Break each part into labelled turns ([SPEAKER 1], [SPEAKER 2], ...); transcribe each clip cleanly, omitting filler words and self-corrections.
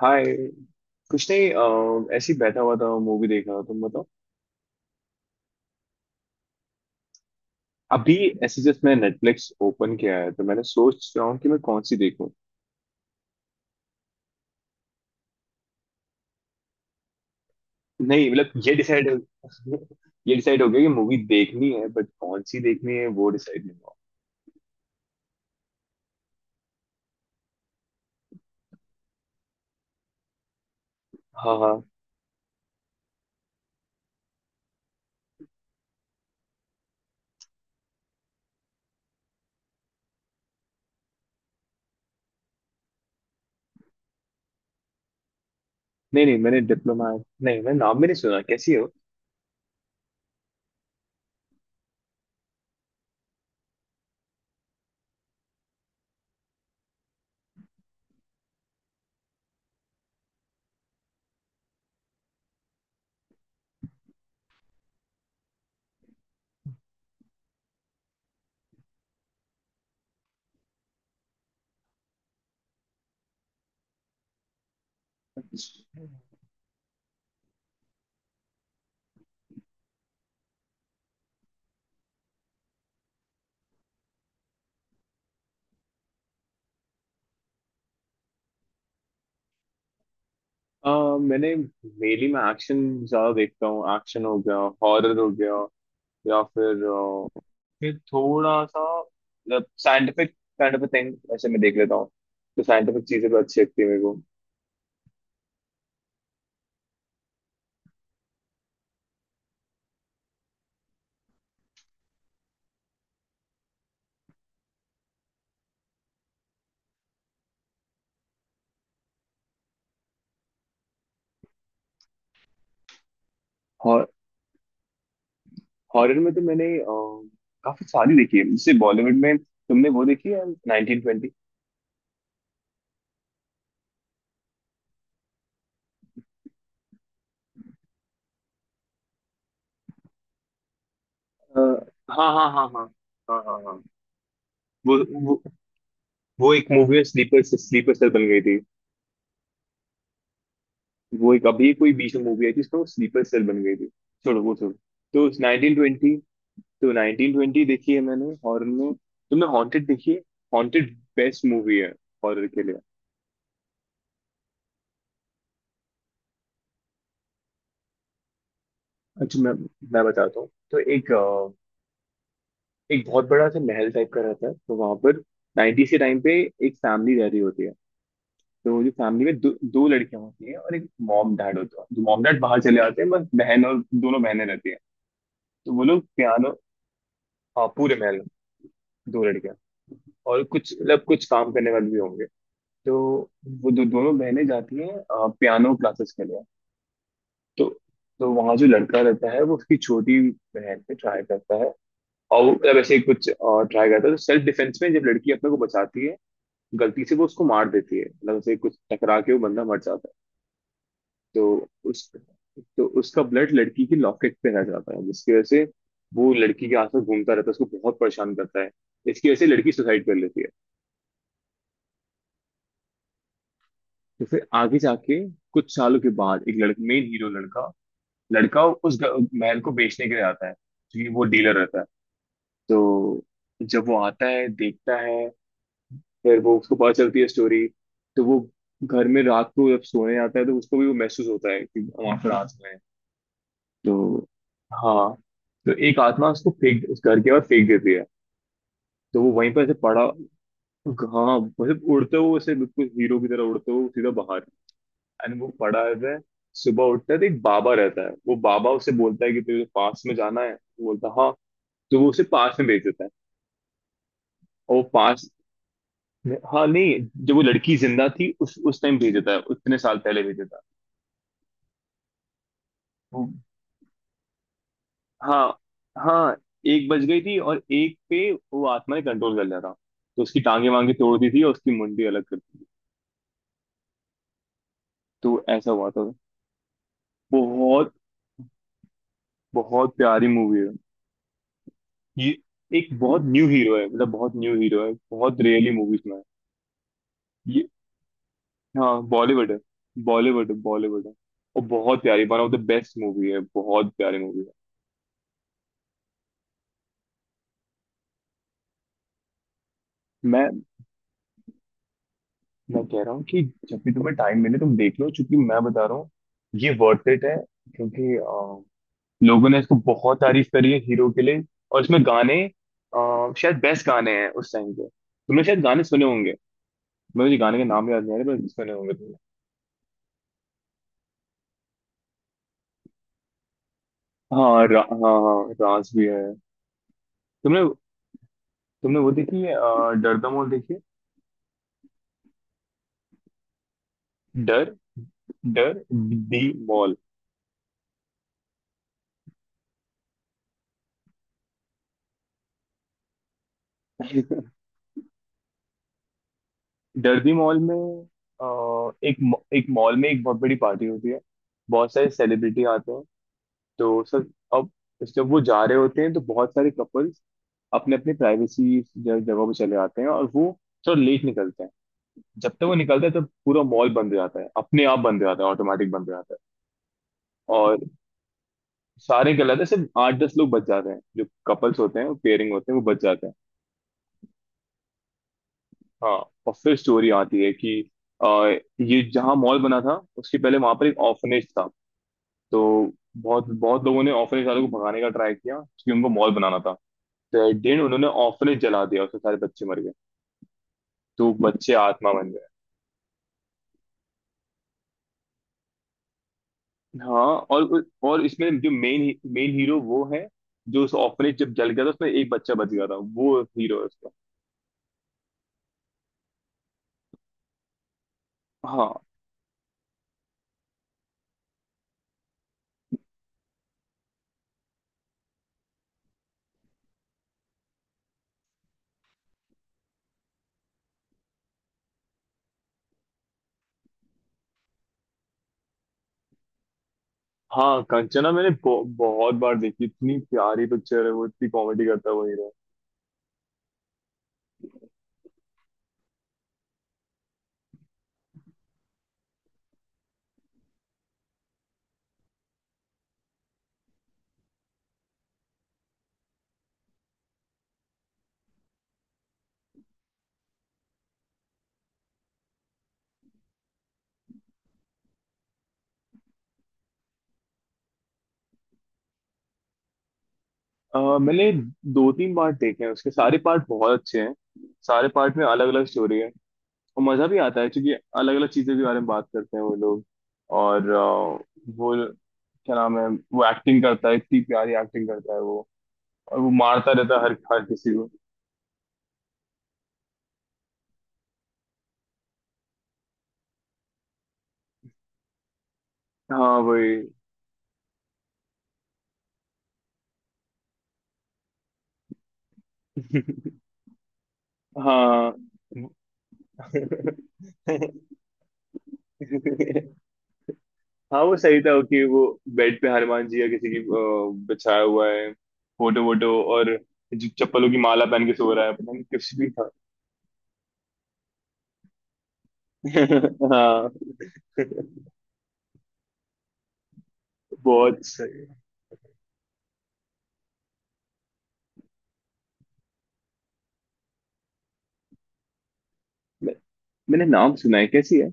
[SPEAKER 1] हाय। कुछ नहीं। ऐसे ही बैठा हुआ था, मूवी देख रहा था, तुम बताओ। अभी ऐसे जस्ट मैंने नेटफ्लिक्स ओपन किया है, तो मैंने सोच रहा हूँ कि मैं कौन सी देखूँ। नहीं मतलब ये डिसाइड ये डिसाइड हो गया कि मूवी देखनी है, बट कौन सी देखनी है वो डिसाइड नहीं हुआ। हाँ हाँ। नहीं नहीं, मैंने डिप्लोमा नहीं, मैंने नाम भी नहीं सुना, कैसी है वो। मैंने मेनली मैं एक्शन ज्यादा देखता हूँ। एक्शन हो गया, हॉरर हो गया, या फिर फिर थोड़ा सा मतलब साइंटिफिक काइंड ऑफ थिंग ऐसे मैं देख लेता हूँ। तो साइंटिफिक चीजें भी अच्छी लगती है मेरे को। हॉर हॉरर में तो मैंने काफी सारी देखी है। जैसे बॉलीवुड में तुमने वो देखी है नाइनटीन ट्वेंटी। हाँ हाँ हाँ। हाँ हाँ हाँ। हाँ वो वो, वो एक मूवी में स्लीपर स्लीपर सेल बन गई थी। वो एक अभी कोई बीच में मूवी आई थी, उसमें वो स्लीपर सेल बन गई थी। छोड़ो वो छोड़ो। तो नाइनटीन ट्वेंटी, तो 1920 देखी है मैंने हॉरर में। तुमने हॉन्टेड देखी है? हॉन्टेड बेस्ट मूवी है हॉरर के लिए। अच्छा मैं बताता हूँ। तो एक एक बहुत बड़ा सा महल टाइप का रहता है, तो वहां पर 90s के टाइम पे एक फैमिली रह रही होती है। तो वो जो फैमिली में दो लड़कियां होती हैं और एक मॉम डैड होता है। जो मॉम डैड बाहर चले जाते हैं, बस बहन और दोनों बहनें रहती हैं। तो वो लोग पियानो। हाँ पूरे महल में दो लड़कियां, और कुछ मतलब कुछ काम करने वाले भी होंगे। तो वो दोनों बहनें जाती हैं पियानो क्लासेस के लिए। तो तो वहां जो लड़का रहता है वो उसकी छोटी बहन पे ट्राई करता है। और मतलब ऐसे ही कुछ और ट्राई करता है। तो सेल्फ डिफेंस में जब लड़की अपने को बचाती है, गलती से वो उसको मार देती है, मतलब उसे कुछ टकरा के वो बंदा मर जाता है। तो उस तो उसका ब्लड लड़की की लॉकेट पे रह जाता है, जिसकी वजह से वो लड़की के आसपास घूमता रहता है, उसको बहुत परेशान करता है। इसकी वजह से लड़की सुसाइड कर लेती है। तो फिर आगे जाके, कुछ सालों के बाद एक लड़का, मेन हीरो, लड़का लड़का उस महल को बेचने के लिए आता है, क्योंकि वो डीलर रहता है। तो जब वो आता है देखता है, फिर वो उसको पता चलती है स्टोरी। तो वो घर में रात को जब सोने जाता है तो उसको भी वो महसूस होता है कि हम आखिर रात में हैं। तो हाँ, तो एक आत्मा उसको फेंक, उस घर के बाहर फेंक देती है। तो वो वहीं पर ऐसे पड़ा। हाँ मतलब उड़ते हुए, ऐसे बिल्कुल हीरो की तरह उड़ते हुए सीधा बाहर, एंड वो पड़ा रहता है। सुबह उठता है तो एक बाबा रहता है, वो बाबा उसे बोलता है कि तुझे पास में जाना है, वो बोलता है हाँ। तो वो उसे पास में भेज देता है। और वो पास, नहीं- हाँ नहीं, जब वो लड़की जिंदा थी उस टाइम भेजा था, उतने साल पहले भेजा था। वो हाँ हाँ। एक बच गई थी और एक पे वो आत्मा ने कंट्रोल कर लिया था। तो उसकी टांगे वांगे तोड़ दी थी और उसकी मुंडी अलग कर दी थी। तो ऐसा हुआ था। बहुत बहुत प्यारी मूवी है ये। एक बहुत न्यू हीरो है, मतलब बहुत न्यू हीरो है, बहुत रेयरली मूवीज में है ये। हाँ बॉलीवुड है। बॉलीवुड बॉलीवुड है। और बहुत प्यारी, one of the best movie है, बहुत प्यारी मूवी है। मैं मैं कह रहा हूँ कि जब भी तुम्हें टाइम मिले तुम देख लो, क्योंकि मैं बता रहा हूँ ये वर्थ इट है। क्योंकि लोगों ने इसको बहुत तारीफ करी है हीरो के लिए। और इसमें गाने शायद बेस्ट गाने हैं उस टाइम के, तुमने शायद गाने सुने होंगे। मुझे गाने का नाम याद नहीं आ रहा, पर सुने होंगे तुमने। हाँ हाँ राज भी है। तुमने तुमने वो देखी है डर द मॉल देखी है? डर, डर दी मॉल। डर्बी मॉल में अ, एक एक मॉल में एक बहुत बड़ी पार्टी होती है, बहुत सारे सेलिब्रिटी आते हैं। तो सर, अब जब वो जा रहे होते हैं तो बहुत सारे कपल्स अपने अपने प्राइवेसी जगह पे चले आते हैं और वो थोड़ा लेट निकलते हैं। जब तक वो निकलते हैं तब पूरा मॉल बंद हो जाता है, अपने आप बंद हो जाता है, ऑटोमेटिक बंद हो जाता है। और सारे निकल जाते हैं, सिर्फ आठ दस लोग बच जाते हैं, जो कपल्स होते हैं, पेयरिंग होते हैं, वो बच जाते हैं। हाँ। और फिर स्टोरी आती है कि अ, ये जहाँ मॉल बना था उसके पहले वहां पर एक ऑर्फनेज था। तो बहुत बहुत लोगों ने ऑर्फनेज वालों को भगाने का ट्राई किया, क्योंकि उनको मॉल बनाना था। तो एट उन्होंने ऑर्फनेज जला दिया, उसमें सारे बच्चे मर गए। तो बच्चे आत्मा बन गए। हाँ। और इसमें जो मेन मेन हीरो वो है, जो उस ऑर्फनेज जब जल गया था उसमें एक बच्चा बच गया था, वो हीरो है उसका। हाँ हाँ। कंचना मैंने बहुत बार देखी, इतनी प्यारी पिक्चर है, वो इतनी कॉमेडी करता है वो हीरो। मैंने दो तीन पार्ट देखे हैं उसके, सारे पार्ट बहुत अच्छे हैं। सारे पार्ट में अलग अलग स्टोरी है, और मजा भी आता है, क्योंकि अलग अलग चीजों के बारे में बात करते हैं वो लोग। और वो क्या नाम है, वो एक्टिंग करता है, इतनी प्यारी एक्टिंग करता है वो। और वो मारता रहता है हर हर किसी को। हाँ वही। हाँ हाँ वो सही था कि वो बेड पे हनुमान जी या किसी की बिछाया हुआ है फोटो वोटो, और जो चप्पलों की माला पहन के सो रहा है, पता नहीं कुछ भी था। हाँ बहुत सही। मैंने नाम सुना है, कैसी है?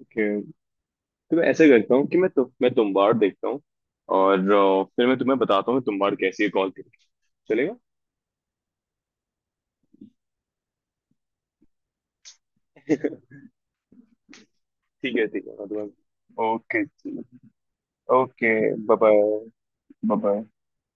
[SPEAKER 1] ओके। तो मैं ऐसे करता हूँ कि मैं तुम्बाड़ देखता हूँ। और फिर मैं तुम्हें बताता हूँ कि तुम्बाड़ कैसी है कॉल करके। चलेगा? ठीक है मतलब। ओके। Okay bye. बाय।